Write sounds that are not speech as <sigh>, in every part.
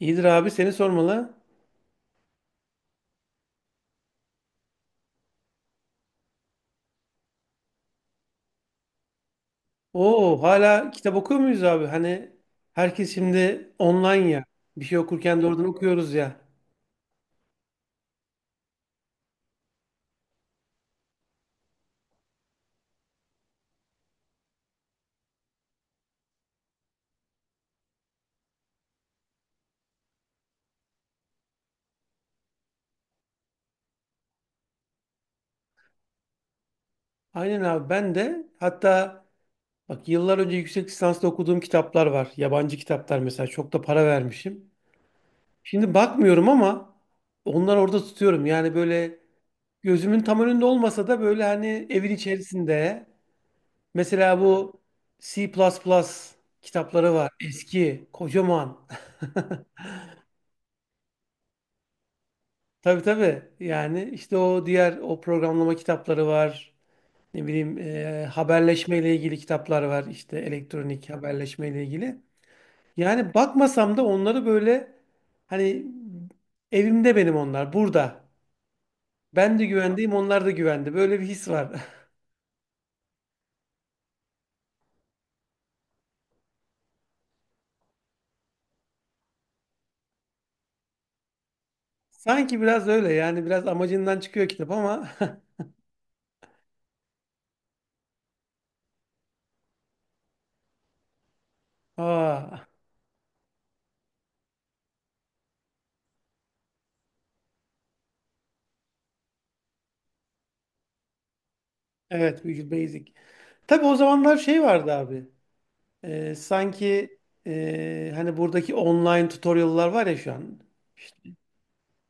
İyidir abi seni sormalı. Oo hala kitap okuyor muyuz abi? Hani herkes şimdi online ya. Bir şey okurken doğrudan okuyoruz ya. Aynen abi ben de hatta bak yıllar önce yüksek lisansta okuduğum kitaplar var. Yabancı kitaplar mesela çok da para vermişim. Şimdi bakmıyorum ama onları orada tutuyorum. Yani böyle gözümün tam önünde olmasa da böyle hani evin içerisinde. Mesela bu C++ kitapları var. Eski, kocaman. <laughs> Tabii tabii. Yani işte o diğer o programlama kitapları var. Ne bileyim haberleşmeyle ilgili kitaplar var. İşte elektronik haberleşmeyle ilgili. Yani bakmasam da onları böyle hani evimde benim onlar burada. Ben de güvendeyim onlar da güvende. Böyle bir his var. <laughs> Sanki biraz öyle yani biraz amacından çıkıyor kitap ama. <laughs> Aa, evet Visual Basic. Tabii o zamanlar şey vardı abi. Sanki hani buradaki online tutorial'lar var ya şu an. İşte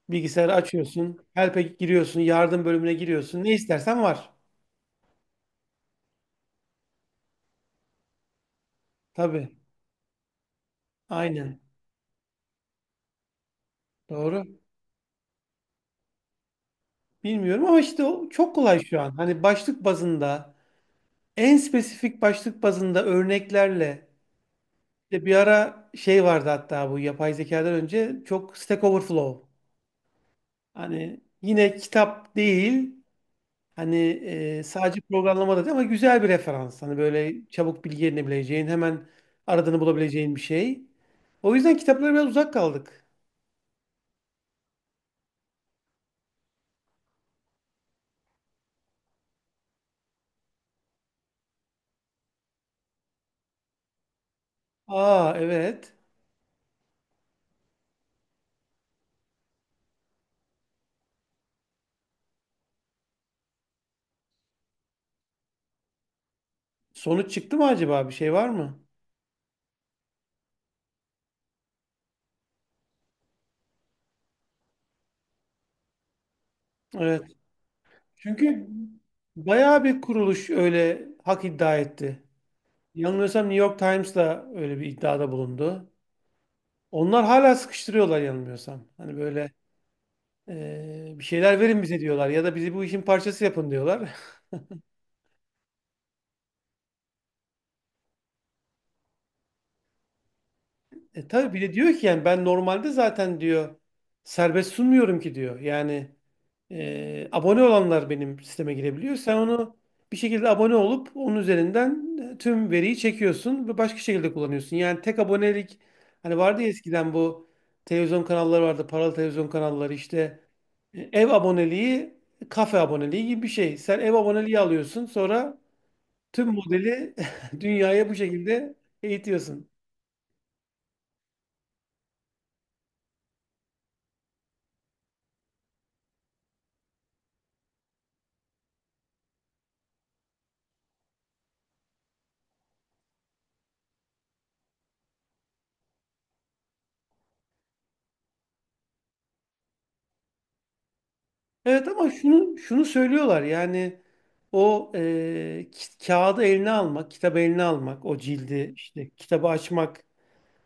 bilgisayarı açıyorsun, help'e giriyorsun, yardım bölümüne giriyorsun. Ne istersen var. Tabii. Aynen. Doğru. Bilmiyorum ama işte o çok kolay şu an. Hani başlık bazında, en spesifik başlık bazında örneklerle. İşte bir ara şey vardı hatta bu yapay zekadan önce çok Stack Overflow. Hani yine kitap değil. Hani sadece programlamada değil ama güzel bir referans. Hani böyle çabuk bilgi edinebileceğin, hemen aradığını bulabileceğin bir şey. O yüzden kitaplara biraz uzak kaldık. Aa evet. Sonuç çıktı mı acaba? Bir şey var mı? Evet. Çünkü bayağı bir kuruluş öyle hak iddia etti. Yanılmıyorsam New York Times'la öyle bir iddiada bulundu. Onlar hala sıkıştırıyorlar yanılmıyorsam. Hani böyle bir şeyler verin bize diyorlar ya da bizi bu işin parçası yapın diyorlar. <laughs> E tabii bir de diyor ki yani ben normalde zaten diyor serbest sunmuyorum ki diyor. Yani abone olanlar benim sisteme girebiliyor. Sen onu bir şekilde abone olup onun üzerinden tüm veriyi çekiyorsun ve başka şekilde kullanıyorsun. Yani tek abonelik hani vardı ya eskiden bu televizyon kanalları vardı. Paralı televizyon kanalları işte. E, ev aboneliği, kafe aboneliği gibi bir şey. Sen ev aboneliği alıyorsun sonra tüm modeli <laughs> dünyaya bu şekilde eğitiyorsun. Evet ama şunu söylüyorlar yani o kağıdı eline almak, kitabı eline almak, o cildi işte kitabı açmak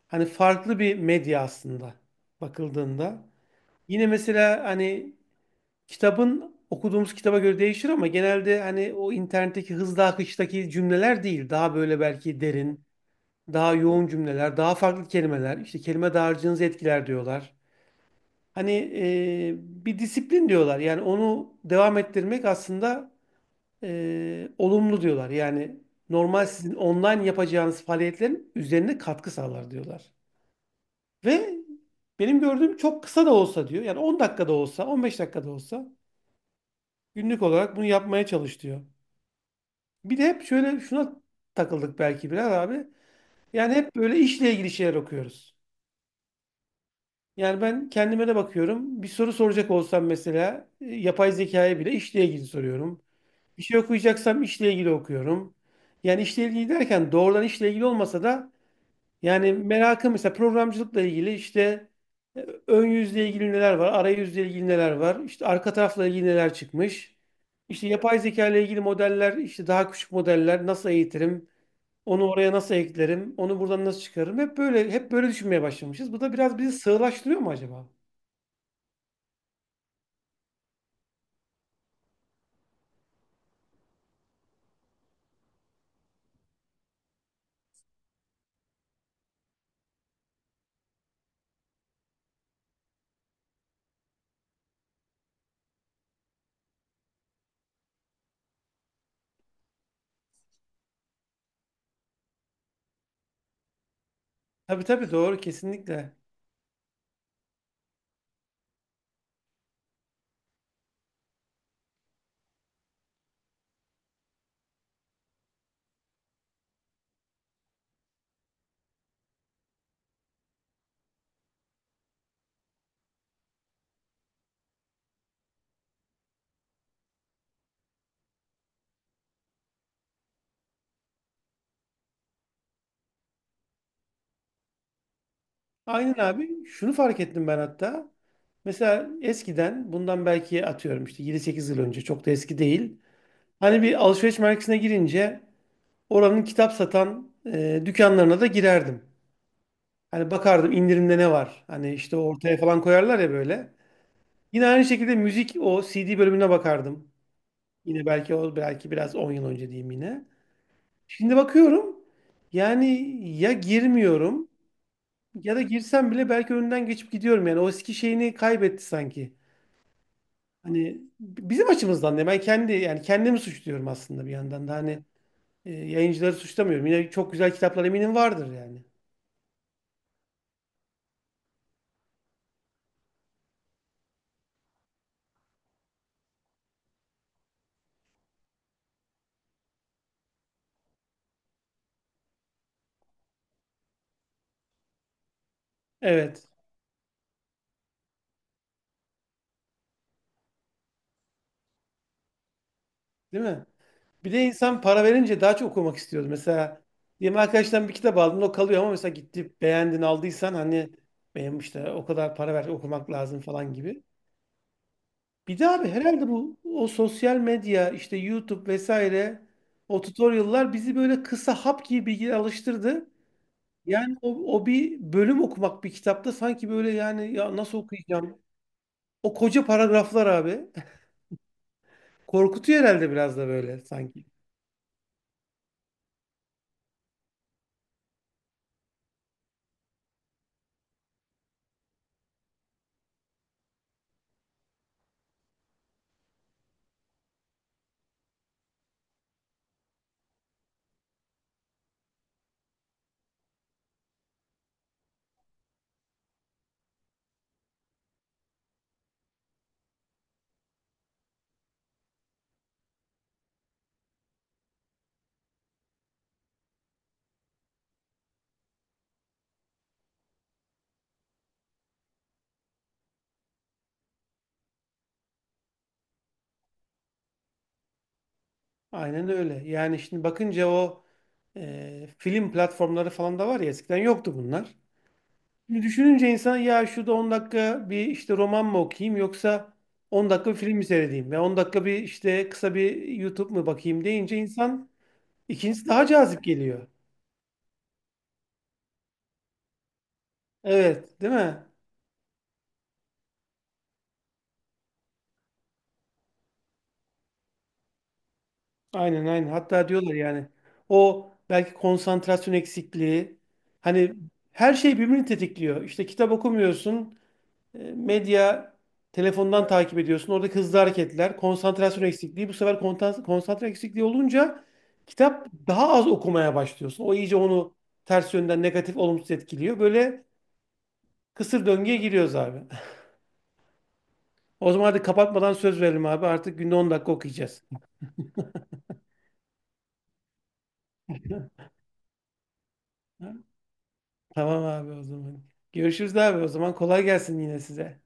hani farklı bir medya aslında bakıldığında. Yine mesela hani kitabın okuduğumuz kitaba göre değişir ama genelde hani o internetteki hızlı akıştaki cümleler değil. Daha böyle belki derin, daha yoğun cümleler, daha farklı kelimeler, işte kelime dağarcığınızı etkiler diyorlar. Hani bir disiplin diyorlar. Yani onu devam ettirmek aslında olumlu diyorlar. Yani normal sizin online yapacağınız faaliyetlerin üzerine katkı sağlar diyorlar. Ve benim gördüğüm çok kısa da olsa diyor. Yani 10 dakikada olsa, 15 dakikada olsa günlük olarak bunu yapmaya çalış diyor. Bir de hep şöyle şuna takıldık belki biraz abi. Yani hep böyle işle ilgili şeyler okuyoruz. Yani ben kendime de bakıyorum. Bir soru soracak olsam mesela yapay zekaya bile işle ilgili soruyorum. Bir şey okuyacaksam işle ilgili okuyorum. Yani işle ilgili derken doğrudan işle ilgili olmasa da yani merakım mesela programcılıkla ilgili işte ön yüzle ilgili neler var, arayüzle ilgili neler var, işte arka tarafla ilgili neler çıkmış. İşte yapay zeka ile ilgili modeller, işte daha küçük modeller nasıl eğitirim, onu oraya nasıl eklerim, onu buradan nasıl çıkarırım. Hep böyle düşünmeye başlamışız. Bu da biraz bizi sığlaştırıyor mu acaba? Tabii tabii doğru kesinlikle. Aynen abi. Şunu fark ettim ben hatta. Mesela eskiden bundan belki atıyorum işte 7-8 yıl önce çok da eski değil. Hani bir alışveriş merkezine girince oranın kitap satan dükkanlarına da girerdim. Hani bakardım indirimde ne var. Hani işte ortaya falan koyarlar ya böyle. Yine aynı şekilde müzik o CD bölümüne bakardım. Yine belki o belki biraz 10 yıl önce diyeyim yine. Şimdi bakıyorum yani ya girmiyorum. Ya da girsem bile belki önünden geçip gidiyorum yani. O eski şeyini kaybetti sanki. Hani bizim açımızdan da ben kendi yani kendimi suçluyorum aslında bir yandan da hani yayıncıları suçlamıyorum. Yine çok güzel kitaplar eminim vardır yani. Evet, değil mi? Bir de insan para verince daha çok okumak istiyordu. Mesela diyelim arkadaştan bir kitap aldın o kalıyor ama mesela gitti beğendin aldıysan hani benim işte o kadar para ver okumak lazım falan gibi. Bir de abi herhalde bu o sosyal medya işte YouTube vesaire o tutorial'lar bizi böyle kısa hap gibi bilgiye alıştırdı. Yani o, o bir bölüm okumak bir kitapta sanki böyle yani ya nasıl okuyacağım? O koca paragraflar abi <laughs> korkutuyor herhalde biraz da böyle sanki. Aynen öyle. Yani şimdi bakınca o film platformları falan da var ya eskiden yoktu bunlar. Şimdi düşününce insan ya şurada 10 dakika bir işte roman mı okuyayım yoksa 10 dakika bir film mi seyredeyim ve 10 dakika bir işte kısa bir YouTube mu bakayım deyince insan ikincisi daha cazip geliyor. Evet, değil mi? Aynen aynen. Hatta diyorlar yani o belki konsantrasyon eksikliği hani her şey birbirini tetikliyor. İşte kitap okumuyorsun. E, medya telefondan takip ediyorsun. Oradaki hızlı hareketler, konsantrasyon eksikliği. Bu sefer konsantre eksikliği olunca kitap daha az okumaya başlıyorsun. O iyice onu ters yönden negatif, olumsuz etkiliyor. Böyle kısır döngüye giriyoruz abi. <laughs> O zaman hadi kapatmadan söz verelim abi. Artık günde 10 dakika okuyacağız. Ha? Tamam abi o zaman. Görüşürüz abi o zaman. Kolay gelsin yine size.